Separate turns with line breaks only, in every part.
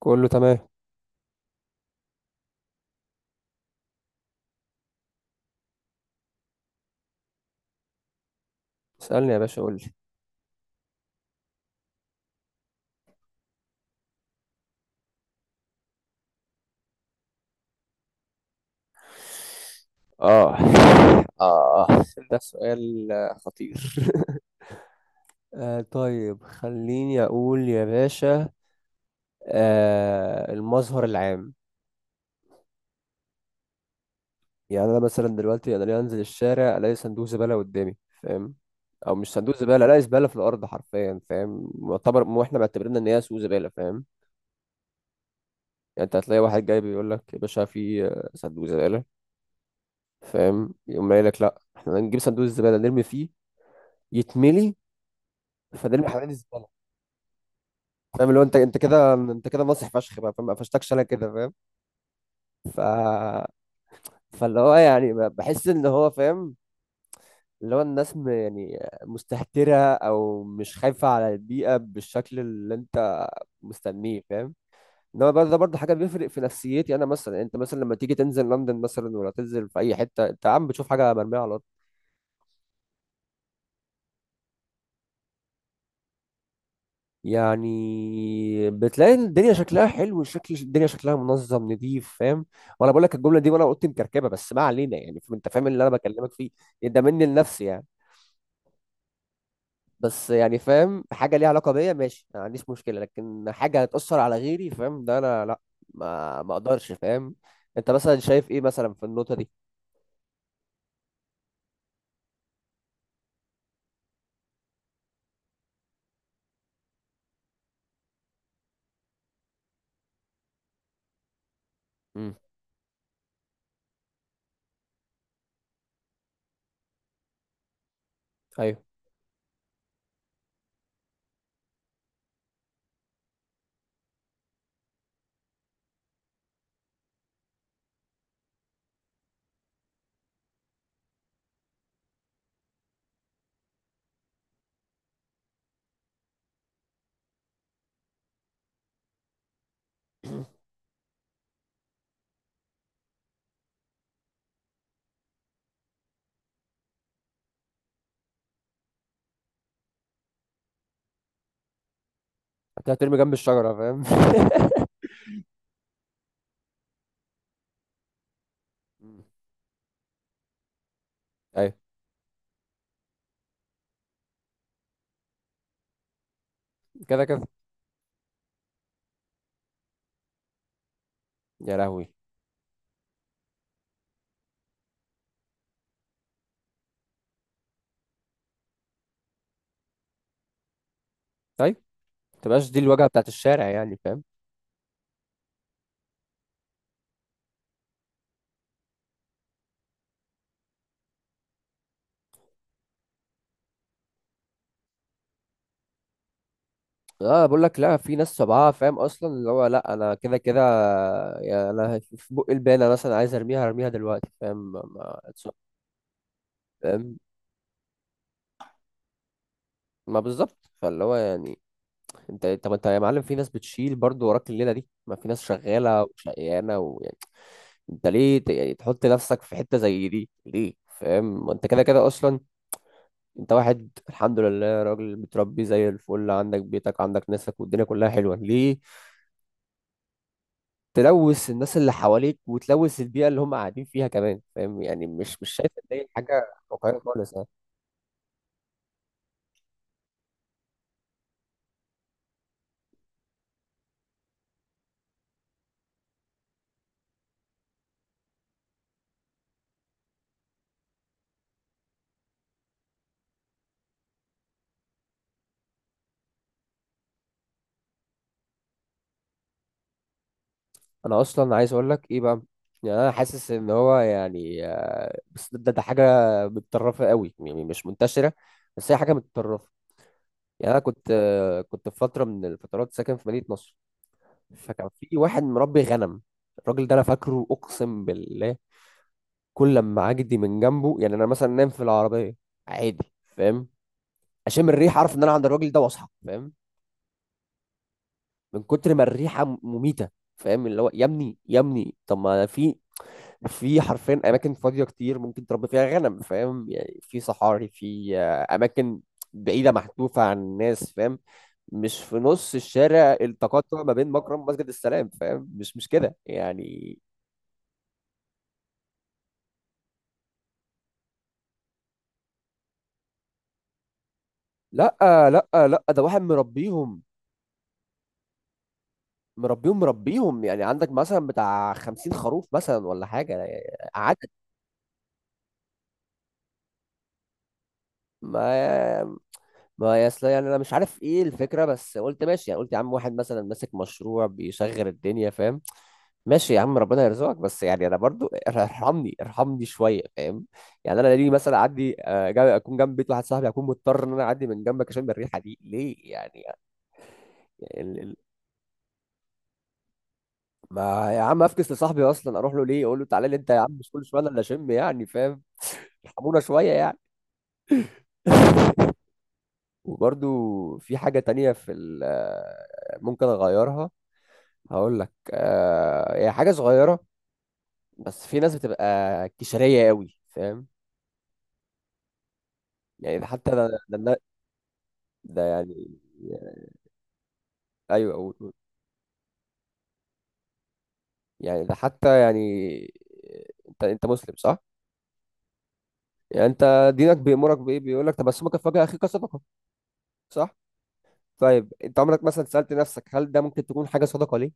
كله تمام. اسألني يا باشا، قول لي. اه، اه، ده سؤال خطير. آه، طيب خليني أقول يا باشا. المظهر العام. يعني أنا مثلا دلوقتي، أنا ليه أنزل الشارع ألاقي صندوق زبالة قدامي؟ فاهم؟ أو مش صندوق زبالة، ألاقي زبالة في الأرض حرفيا. فاهم؟ مو إحنا معتبرين إن هي سوق زبالة. فاهم؟ يعني أنت هتلاقي واحد جاي بيقول لك: يا باشا، في صندوق زبالة. فاهم؟ يقوم قايل لك: لأ، إحنا هنجيب صندوق الزبالة نرمي فيه. يتملي، فنرمي حوالين الزبالة. فاهم؟ اللي هو انت كده، انت كده مصري فشخ بقى. فاهم؟ ما قفشتكش انا كده. فاهم؟ ف فاللي هو يعني بحس ان هو فاهم. اللي هو الناس يعني مستهترة او مش خايفة على البيئة بالشكل اللي انت مستنيه. فاهم؟ ان هو برضه، ده برضه حاجة بيفرق في نفسيتي انا مثلا. يعني انت مثلا لما تيجي تنزل لندن مثلا، ولا تنزل في اي حتة، انت عم بتشوف حاجة مرمية على الارض؟ يعني بتلاقي الدنيا شكلها حلو، شكل الدنيا شكلها منظم نظيف. فاهم؟ وانا بقول لك الجمله دي وانا قلت مكركبه، بس ما علينا يعني. انت فاهم اللي انا بكلمك فيه. ده مني لنفسي يعني. بس يعني فاهم، حاجه ليها علاقه بيا ماشي ما عنديش مشكله، لكن حاجه هتاثر على غيري، فاهم، ده انا لا. ما اقدرش. فاهم؟ انت مثلا شايف ايه مثلا في النقطه دي؟ امم. ايوه. انت هترمي جنب الشجره، فاهم. مم. ايوه، كده كده. يا لهوي. طيب ما تبقاش دي الواجهه بتاعت الشارع، يعني فاهم. اه، بقول لك، لا في ناس طبعها، فاهم، اصلا اللي هو: لا انا كده كده. يعني انا في بق البانه مثلا عايز ارميها، هرميها دلوقتي. فاهم؟ ما it's not- فاهم؟ ما بالظبط. فاللي هو يعني، طب انت يا معلم، في ناس بتشيل برضه وراك الليله دي، ما في ناس شغاله وشقيانه، ويعني انت ليه يعني تحط نفسك في حته زي دي ليه؟ فاهم؟ ما انت كده كده اصلا. انت واحد الحمد لله، راجل متربي زي الفل، عندك بيتك، عندك ناسك، والدنيا كلها حلوه، ليه تلوث الناس اللي حواليك وتلوث البيئة اللي هم قاعدين فيها كمان؟ فاهم؟ يعني مش شايف ان هي حاجة واقعية خالص يعني. انا اصلا عايز اقول لك ايه بقى؟ يعني انا حاسس ان هو يعني بس ده حاجة متطرفة قوي، يعني مش منتشرة. بس هي حاجة متطرفة. يعني انا كنت في فترة من الفترات ساكن في مدينة نصر. فكان في واحد مربي غنم. الراجل ده انا فاكره، اقسم بالله كل لما اعدي من جنبه، يعني انا مثلا نام في العربية عادي، فاهم، اشم الريح اعرف ان انا عند الراجل ده واصحى. فاهم؟ من كتر ما الريحه مميته. فاهم؟ اللي هو: يا ابني يا ابني طب ما في، في حرفيا اماكن فاضيه كتير ممكن تربي فيها غنم. فاهم؟ يعني في صحاري، في اماكن بعيده محذوفه عن الناس. فاهم؟ مش في نص الشارع، التقاطع ما بين مكرم ومسجد السلام. فاهم؟ مش كده يعني. لا، لا، لا، ده واحد مربيهم. مربيهم مربيهم، يعني عندك مثلا بتاع خمسين خروف مثلا ولا حاجة، عدد. ما ما يا اصل، يعني انا مش عارف ايه الفكره، بس قلت ماشي، يعني قلت يا عم، واحد مثلا ماسك مشروع بيشغل الدنيا. فاهم؟ ماشي يا عم ربنا يرزقك، بس يعني انا برضو ارحمني ارحمني شويه. فاهم؟ يعني انا ليه مثلا اعدي اكون جنب بيت واحد صاحبي، اكون مضطر ان انا اعدي من جنبك عشان الريحه دي، ليه يعني؟ يعني ما يا عم افكس لصاحبي اصلا اروح له ليه؟ اقول له تعالى لي انت يا عم، مش كل شويه انا اللي اشم يعني، فاهم. ارحمونا شويه يعني. وبرضو في حاجه تانية في ممكن اغيرها. هقول لك، هي حاجة صغيرة، بس في ناس بتبقى كشرية قوي. فاهم؟ يعني ده حتى ده يعني، ايوه، قول قول. يعني ده حتى يعني، انت مسلم صح؟ يعني انت دينك بيأمرك بايه؟ بيقول لك تبسمك في وجه اخيك صدقة، صح؟ طيب انت عمرك مثلا سألت نفسك هل ده ممكن تكون حاجة صدقة ليه؟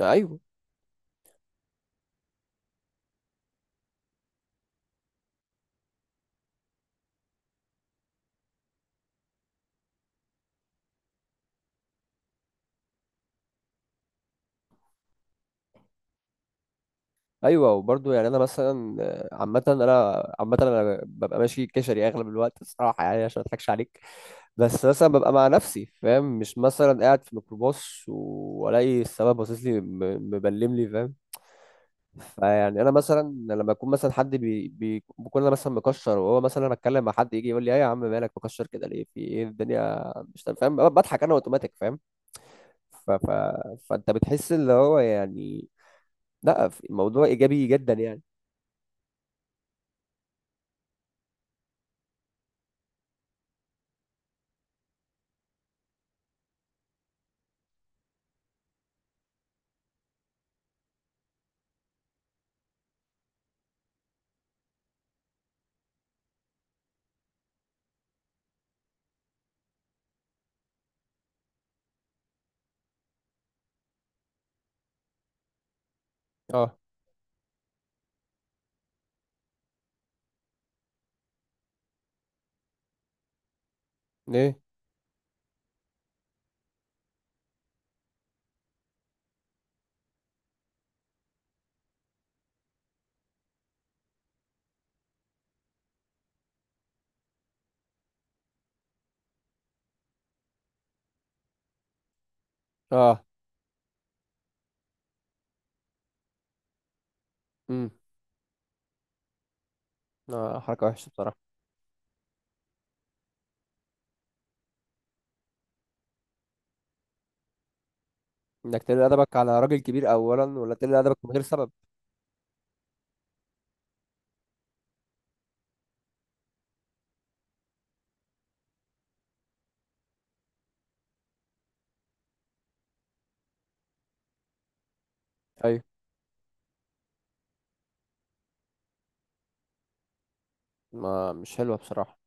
ايوه، ايوه. وبرضه يعني انا مثلا عامة انا، ببقى ماشي كشري اغلب الوقت الصراحة، يعني عشان ما اضحكش عليك. بس مثلا ببقى مع نفسي، فاهم، مش مثلا قاعد في ميكروباص والاقي السواق باصص لي مبلم لي. فاهم؟ فيعني انا مثلا لما يكون مثلا حد بكون انا مثلا مكشر، وهو مثلا، انا اتكلم مع حد يجي يقول لي: ايه يا عم مالك مكشر كده ليه، في ايه الدنيا مش تمام؟ فاهم؟ بضحك انا اوتوماتيك. فاهم؟ ف ف فانت بتحس اللي هو يعني لا، الموضوع ايجابي جدا يعني. اه. ايه؟ اه. امم. آه، حركه وحشه بصراحه. انك تقل ادبك على راجل كبير اولا، ولا تقل ادبك من غير سبب. ايوه، ما مش حلوه بصراحه.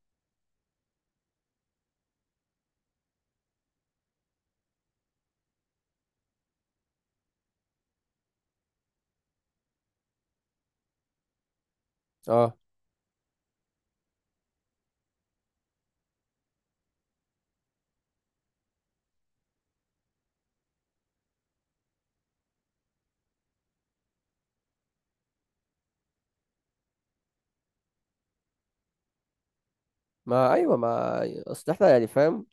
اه، ما ايوه، ما اصل احنا يعني، فاهم،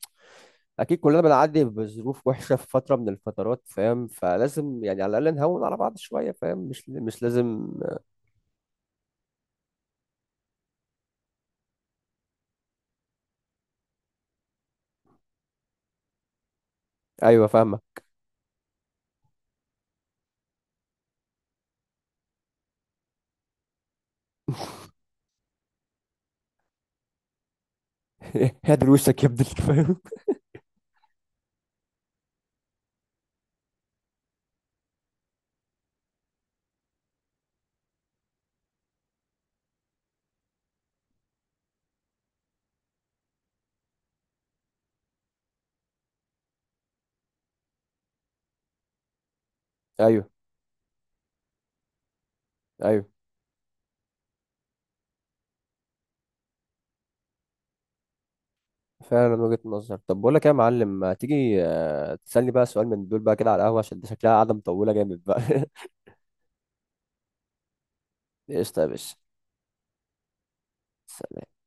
اكيد كلنا بنعدي بظروف وحشه في فتره من الفترات، فاهم، فلازم يعني على الاقل نهون على بعض شويه. فاهم؟ مش لازم. ايوه، فاهمه. هدر وشك يا ابني، فاهم. ايوه، ايوه. فعلا، من وجهه نظر. طب بقول لك إيه يا معلم، ما تيجي تسالني بقى سؤال من دول بقى كده على القهوه، عشان دي شكلها قاعده مطوله جامد بقى. قشطه يا باشا. سلام.